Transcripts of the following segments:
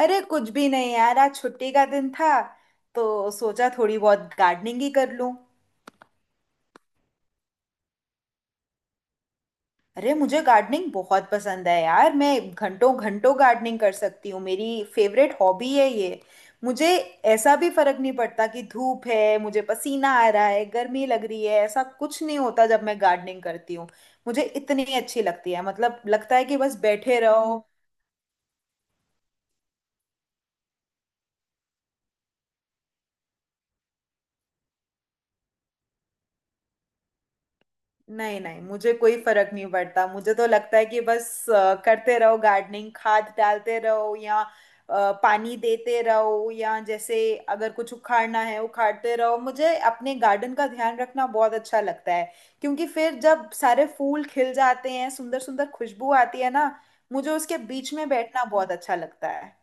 अरे कुछ भी नहीं यार, आज छुट्टी का दिन था, तो सोचा थोड़ी बहुत गार्डनिंग ही कर लूं। अरे, मुझे गार्डनिंग बहुत पसंद है यार। मैं घंटों घंटों गार्डनिंग कर सकती हूँ। मेरी फेवरेट हॉबी है ये। मुझे ऐसा भी फर्क नहीं पड़ता कि धूप है, मुझे पसीना आ रहा है, गर्मी लग रही है, ऐसा कुछ नहीं होता जब मैं गार्डनिंग करती हूँ। मुझे इतनी अच्छी लगती है, मतलब लगता है कि बस बैठे रहो। नहीं नहीं, मुझे कोई फर्क नहीं पड़ता। मुझे तो लगता है कि बस करते रहो गार्डनिंग, खाद डालते रहो या पानी देते रहो, या जैसे अगर कुछ उखाड़ना है उखाड़ते रहो। मुझे अपने गार्डन का ध्यान रखना बहुत अच्छा लगता है, क्योंकि फिर जब सारे फूल खिल जाते हैं, सुंदर सुंदर खुशबू आती है ना, मुझे उसके बीच में बैठना बहुत अच्छा लगता है।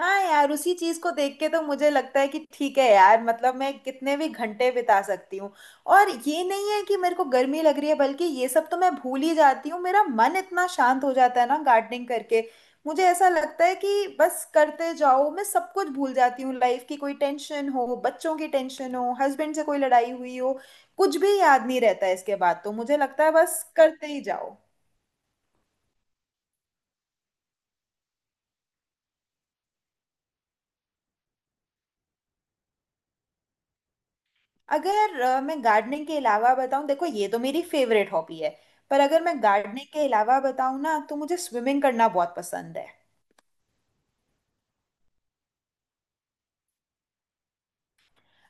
हाँ यार, उसी चीज को देख के तो मुझे लगता है कि ठीक है यार, मतलब मैं कितने भी घंटे बिता सकती हूँ। और ये नहीं है कि मेरे को गर्मी लग रही है, बल्कि ये सब तो मैं भूल ही जाती हूँ। मेरा मन इतना शांत हो जाता है ना गार्डनिंग करके। मुझे ऐसा लगता है कि बस करते जाओ, मैं सब कुछ भूल जाती हूँ। लाइफ की कोई टेंशन हो, बच्चों की टेंशन हो, हस्बैंड से कोई लड़ाई हुई हो, कुछ भी याद नहीं रहता है इसके बाद। तो मुझे लगता है बस करते ही जाओ। अगर मैं गार्डनिंग के अलावा बताऊं, देखो ये तो मेरी फेवरेट हॉबी है। पर अगर मैं गार्डनिंग के अलावा बताऊं ना, तो मुझे स्विमिंग करना बहुत पसंद है।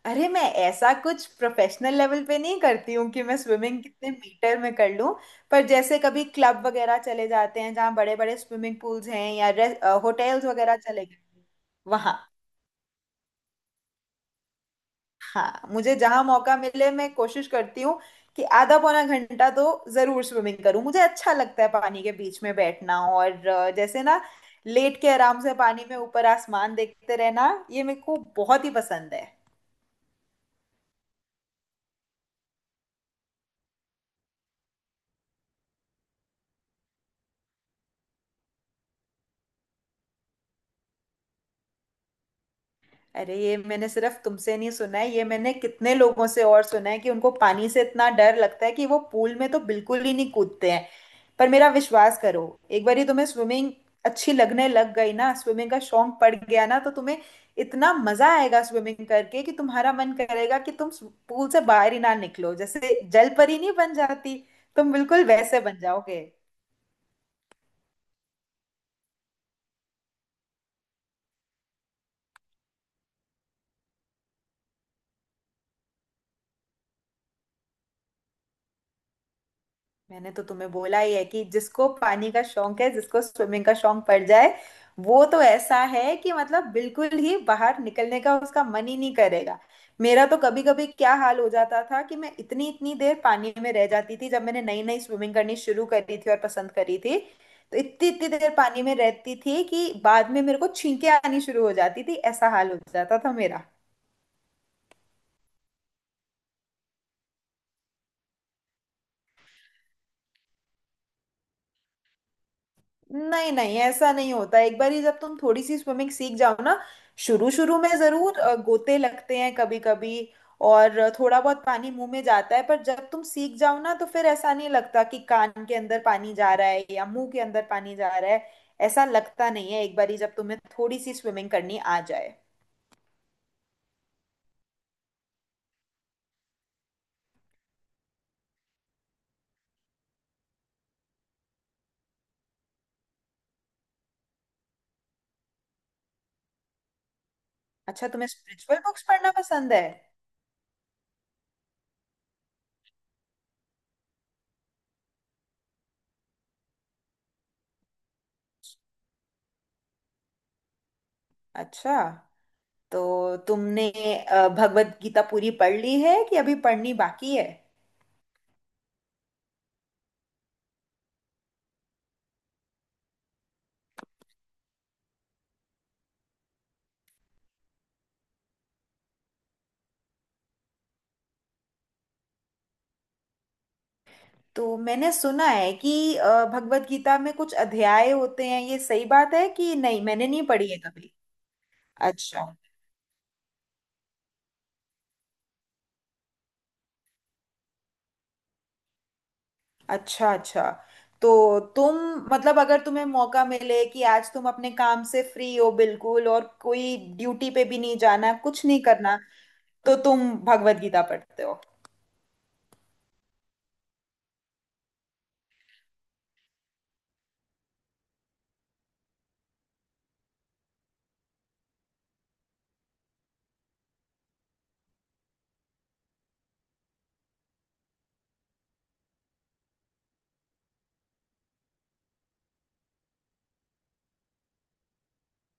अरे मैं ऐसा कुछ प्रोफेशनल लेवल पे नहीं करती हूँ कि मैं स्विमिंग कितने मीटर में कर लूँ। पर जैसे कभी क्लब वगैरह चले जाते हैं जहाँ बड़े बड़े स्विमिंग पूल्स हैं, या होटल्स वगैरह चले गए वहां। हाँ, मुझे जहां मौका मिले मैं कोशिश करती हूँ कि आधा पौना घंटा तो जरूर स्विमिंग करूँ। मुझे अच्छा लगता है पानी के बीच में बैठना, और जैसे ना लेट के आराम से पानी में ऊपर आसमान देखते रहना, ये मेरे को बहुत ही पसंद है। अरे ये मैंने सिर्फ तुमसे नहीं सुना है, ये मैंने कितने लोगों से और सुना है कि उनको पानी से इतना डर लगता है कि वो पूल में तो बिल्कुल ही नहीं कूदते हैं। पर मेरा विश्वास करो, एक बार तुम्हें स्विमिंग अच्छी लगने लग गई ना, स्विमिंग का शौक पड़ गया ना, तो तुम्हें इतना मजा आएगा स्विमिंग करके कि तुम्हारा मन करेगा कि तुम पूल से बाहर ही ना निकलो। जैसे जल परी नहीं बन जाती, तुम बिल्कुल वैसे बन जाओगे। मैंने तो तुम्हें बोला ही है कि जिसको पानी का शौक है, जिसको स्विमिंग का शौक पड़ जाए, वो तो ऐसा है कि मतलब बिल्कुल ही बाहर निकलने का उसका मन ही नहीं करेगा। मेरा तो कभी कभी क्या हाल हो जाता था कि मैं इतनी इतनी देर पानी में रह जाती थी जब मैंने नई नई स्विमिंग करनी शुरू करी थी और पसंद करी थी। तो इतनी इतनी देर पानी में रहती थी कि बाद में मेरे को छींके आनी शुरू हो जाती थी, ऐसा हाल हो जाता था मेरा। नहीं नहीं, ऐसा नहीं होता। एक बार ही जब तुम थोड़ी सी स्विमिंग सीख जाओ ना, शुरू शुरू में जरूर गोते लगते हैं कभी कभी, और थोड़ा बहुत पानी मुंह में जाता है। पर जब तुम सीख जाओ ना, तो फिर ऐसा नहीं लगता कि कान के अंदर पानी जा रहा है या मुंह के अंदर पानी जा रहा है। ऐसा लगता नहीं है एक बार ही जब तुम्हें थोड़ी सी स्विमिंग करनी आ जाए। अच्छा, तुम्हें स्पिरिचुअल बुक्स पढ़ना पसंद है? अच्छा, तो तुमने भगवत गीता पूरी पढ़ ली है कि अभी पढ़नी बाकी है? तो मैंने सुना है कि भगवत गीता में कुछ अध्याय होते हैं, ये सही बात है कि नहीं? मैंने नहीं पढ़ी है कभी। अच्छा, अच्छा। अच्छा, तो तुम, मतलब अगर तुम्हें मौका मिले कि आज तुम अपने काम से फ्री हो बिल्कुल, और कोई ड्यूटी पे भी नहीं जाना, कुछ नहीं करना, तो तुम भगवत गीता पढ़ते हो?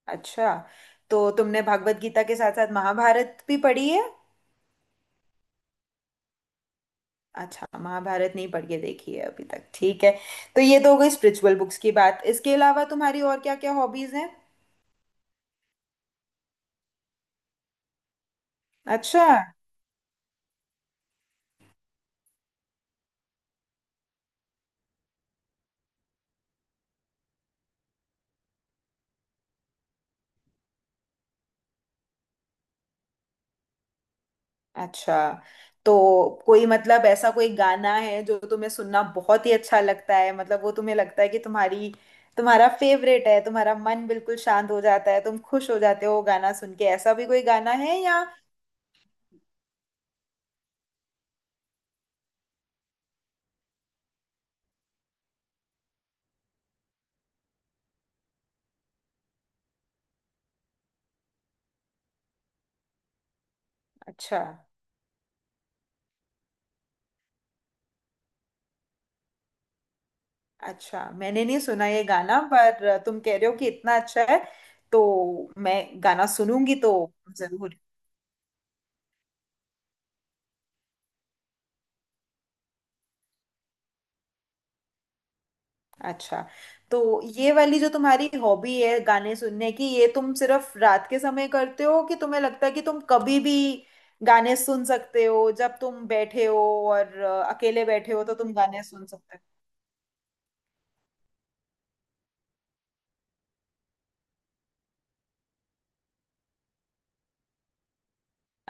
अच्छा, तो तुमने भगवत गीता के साथ साथ महाभारत भी पढ़ी है? अच्छा, महाभारत नहीं पढ़ के देखी है अभी तक, ठीक है। तो ये तो हो गई स्पिरिचुअल बुक्स की बात, इसके अलावा तुम्हारी और क्या क्या हॉबीज हैं? अच्छा, अच्छा। तो कोई, मतलब ऐसा कोई गाना है जो तुम्हें सुनना बहुत ही अच्छा लगता है, मतलब वो तुम्हें लगता है कि तुम्हारी, तुम्हारा फेवरेट है, तुम्हारा मन बिल्कुल शांत हो जाता है, तुम खुश हो जाते हो वो गाना सुन के, ऐसा भी कोई गाना है या? अच्छा, अच्छा, मैंने नहीं सुना ये गाना, पर तुम कह रहे हो कि इतना अच्छा है तो मैं गाना सुनूंगी, तो जरूर। अच्छा, तो ये वाली जो तुम्हारी हॉबी है गाने सुनने की, ये तुम सिर्फ रात के समय करते हो कि तुम्हें लगता है कि तुम कभी भी गाने सुन सकते हो, जब तुम बैठे हो और अकेले बैठे हो तो तुम गाने सुन सकते हो?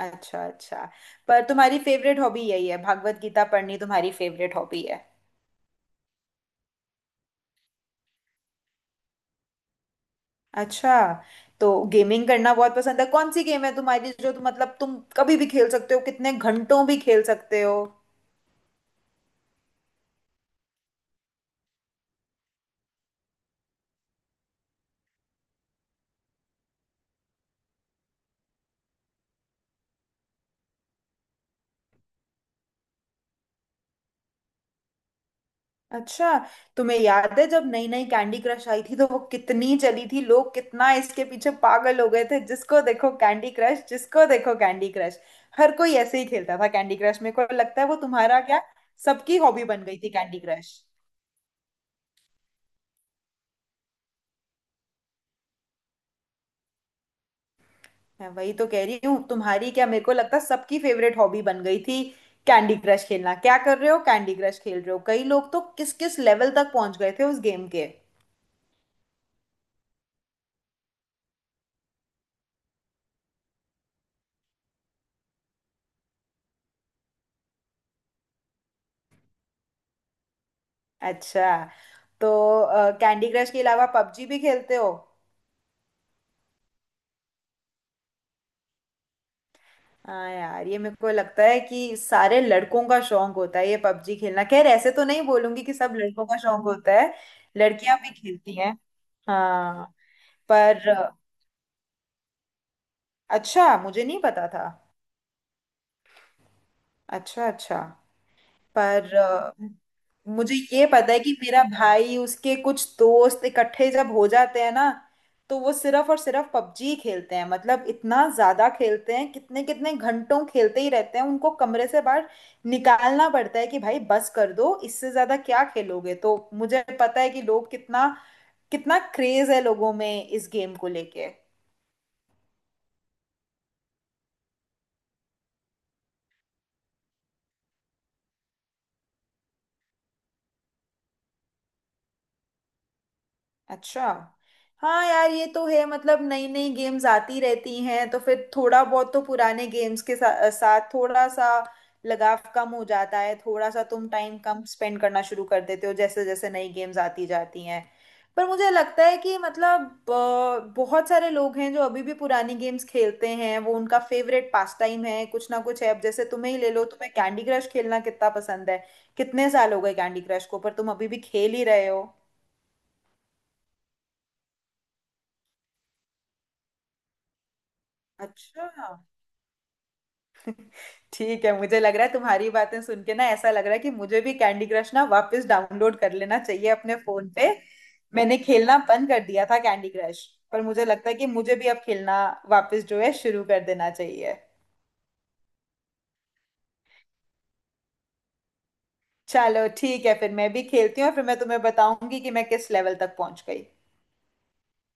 अच्छा, अच्छा। पर तुम्हारी फेवरेट हॉबी यही है, भागवत गीता पढ़नी तुम्हारी फेवरेट हॉबी है? अच्छा, तो गेमिंग करना बहुत पसंद है? कौन सी गेम है तुम्हारी जो तुम, मतलब तुम कभी भी खेल सकते हो, कितने घंटों भी खेल सकते हो? अच्छा, तुम्हें याद है जब नई नई कैंडी क्रश आई थी तो वो कितनी चली थी, लोग कितना इसके पीछे पागल हो गए थे। जिसको देखो कैंडी क्रश, जिसको देखो कैंडी क्रश, हर कोई ऐसे ही खेलता था कैंडी क्रश। मेरे को लगता है वो तुम्हारा क्या, सबकी हॉबी बन गई थी कैंडी क्रश। मैं वही तो कह रही हूँ, तुम्हारी क्या, मेरे को लगता है सबकी फेवरेट हॉबी बन गई थी कैंडी क्रश खेलना। क्या कर रहे हो? कैंडी क्रश खेल रहे हो। कई लोग तो किस किस लेवल तक पहुंच गए थे उस गेम के। अच्छा, तो कैंडी क्रश के अलावा पबजी भी खेलते हो? हाँ यार, ये मेरे को लगता है कि सारे लड़कों का शौक होता है ये पबजी खेलना। खैर, ऐसे तो नहीं बोलूंगी कि सब लड़कों का शौक होता है, लड़कियां भी खेलती हैं। हाँ। पर अच्छा, मुझे नहीं पता था। अच्छा, अच्छा। पर मुझे ये पता है कि मेरा भाई उसके कुछ दोस्त इकट्ठे जब हो जाते हैं ना, तो वो सिर्फ और सिर्फ पबजी खेलते हैं। मतलब इतना ज्यादा खेलते हैं, कितने कितने घंटों खेलते ही रहते हैं, उनको कमरे से बाहर निकालना पड़ता है कि भाई बस कर दो, इससे ज्यादा क्या खेलोगे। तो मुझे पता है कि लोग कितना, कितना क्रेज है लोगों में इस गेम को लेके। अच्छा। हाँ यार, ये तो है, मतलब नई नई गेम्स आती रहती हैं, तो फिर थोड़ा बहुत तो पुराने गेम्स के साथ थोड़ा सा लगाव कम हो जाता है, थोड़ा सा तुम टाइम कम स्पेंड करना शुरू कर देते हो जैसे जैसे नई गेम्स आती जाती हैं। पर मुझे लगता है कि मतलब बहुत सारे लोग हैं जो अभी भी पुरानी गेम्स खेलते हैं, वो उनका फेवरेट पास टाइम है। कुछ ना कुछ है, अब जैसे तुम्हें ही ले लो, तुम्हें कैंडी क्रश खेलना कितना पसंद है। कितने साल हो गए कैंडी क्रश को, पर तुम अभी भी खेल ही रहे हो। अच्छा। ठीक है, मुझे लग रहा है तुम्हारी बातें सुन के ना, ऐसा लग रहा है कि मुझे भी कैंडी क्रश ना वापस डाउनलोड कर लेना चाहिए अपने फोन पे। मैंने खेलना बंद कर दिया था कैंडी क्रश, पर मुझे लगता है कि मुझे भी अब खेलना वापस जो है शुरू कर देना चाहिए। चलो ठीक है, फिर मैं भी खेलती हूँ और फिर मैं तुम्हें बताऊंगी कि मैं किस लेवल तक पहुंच गई।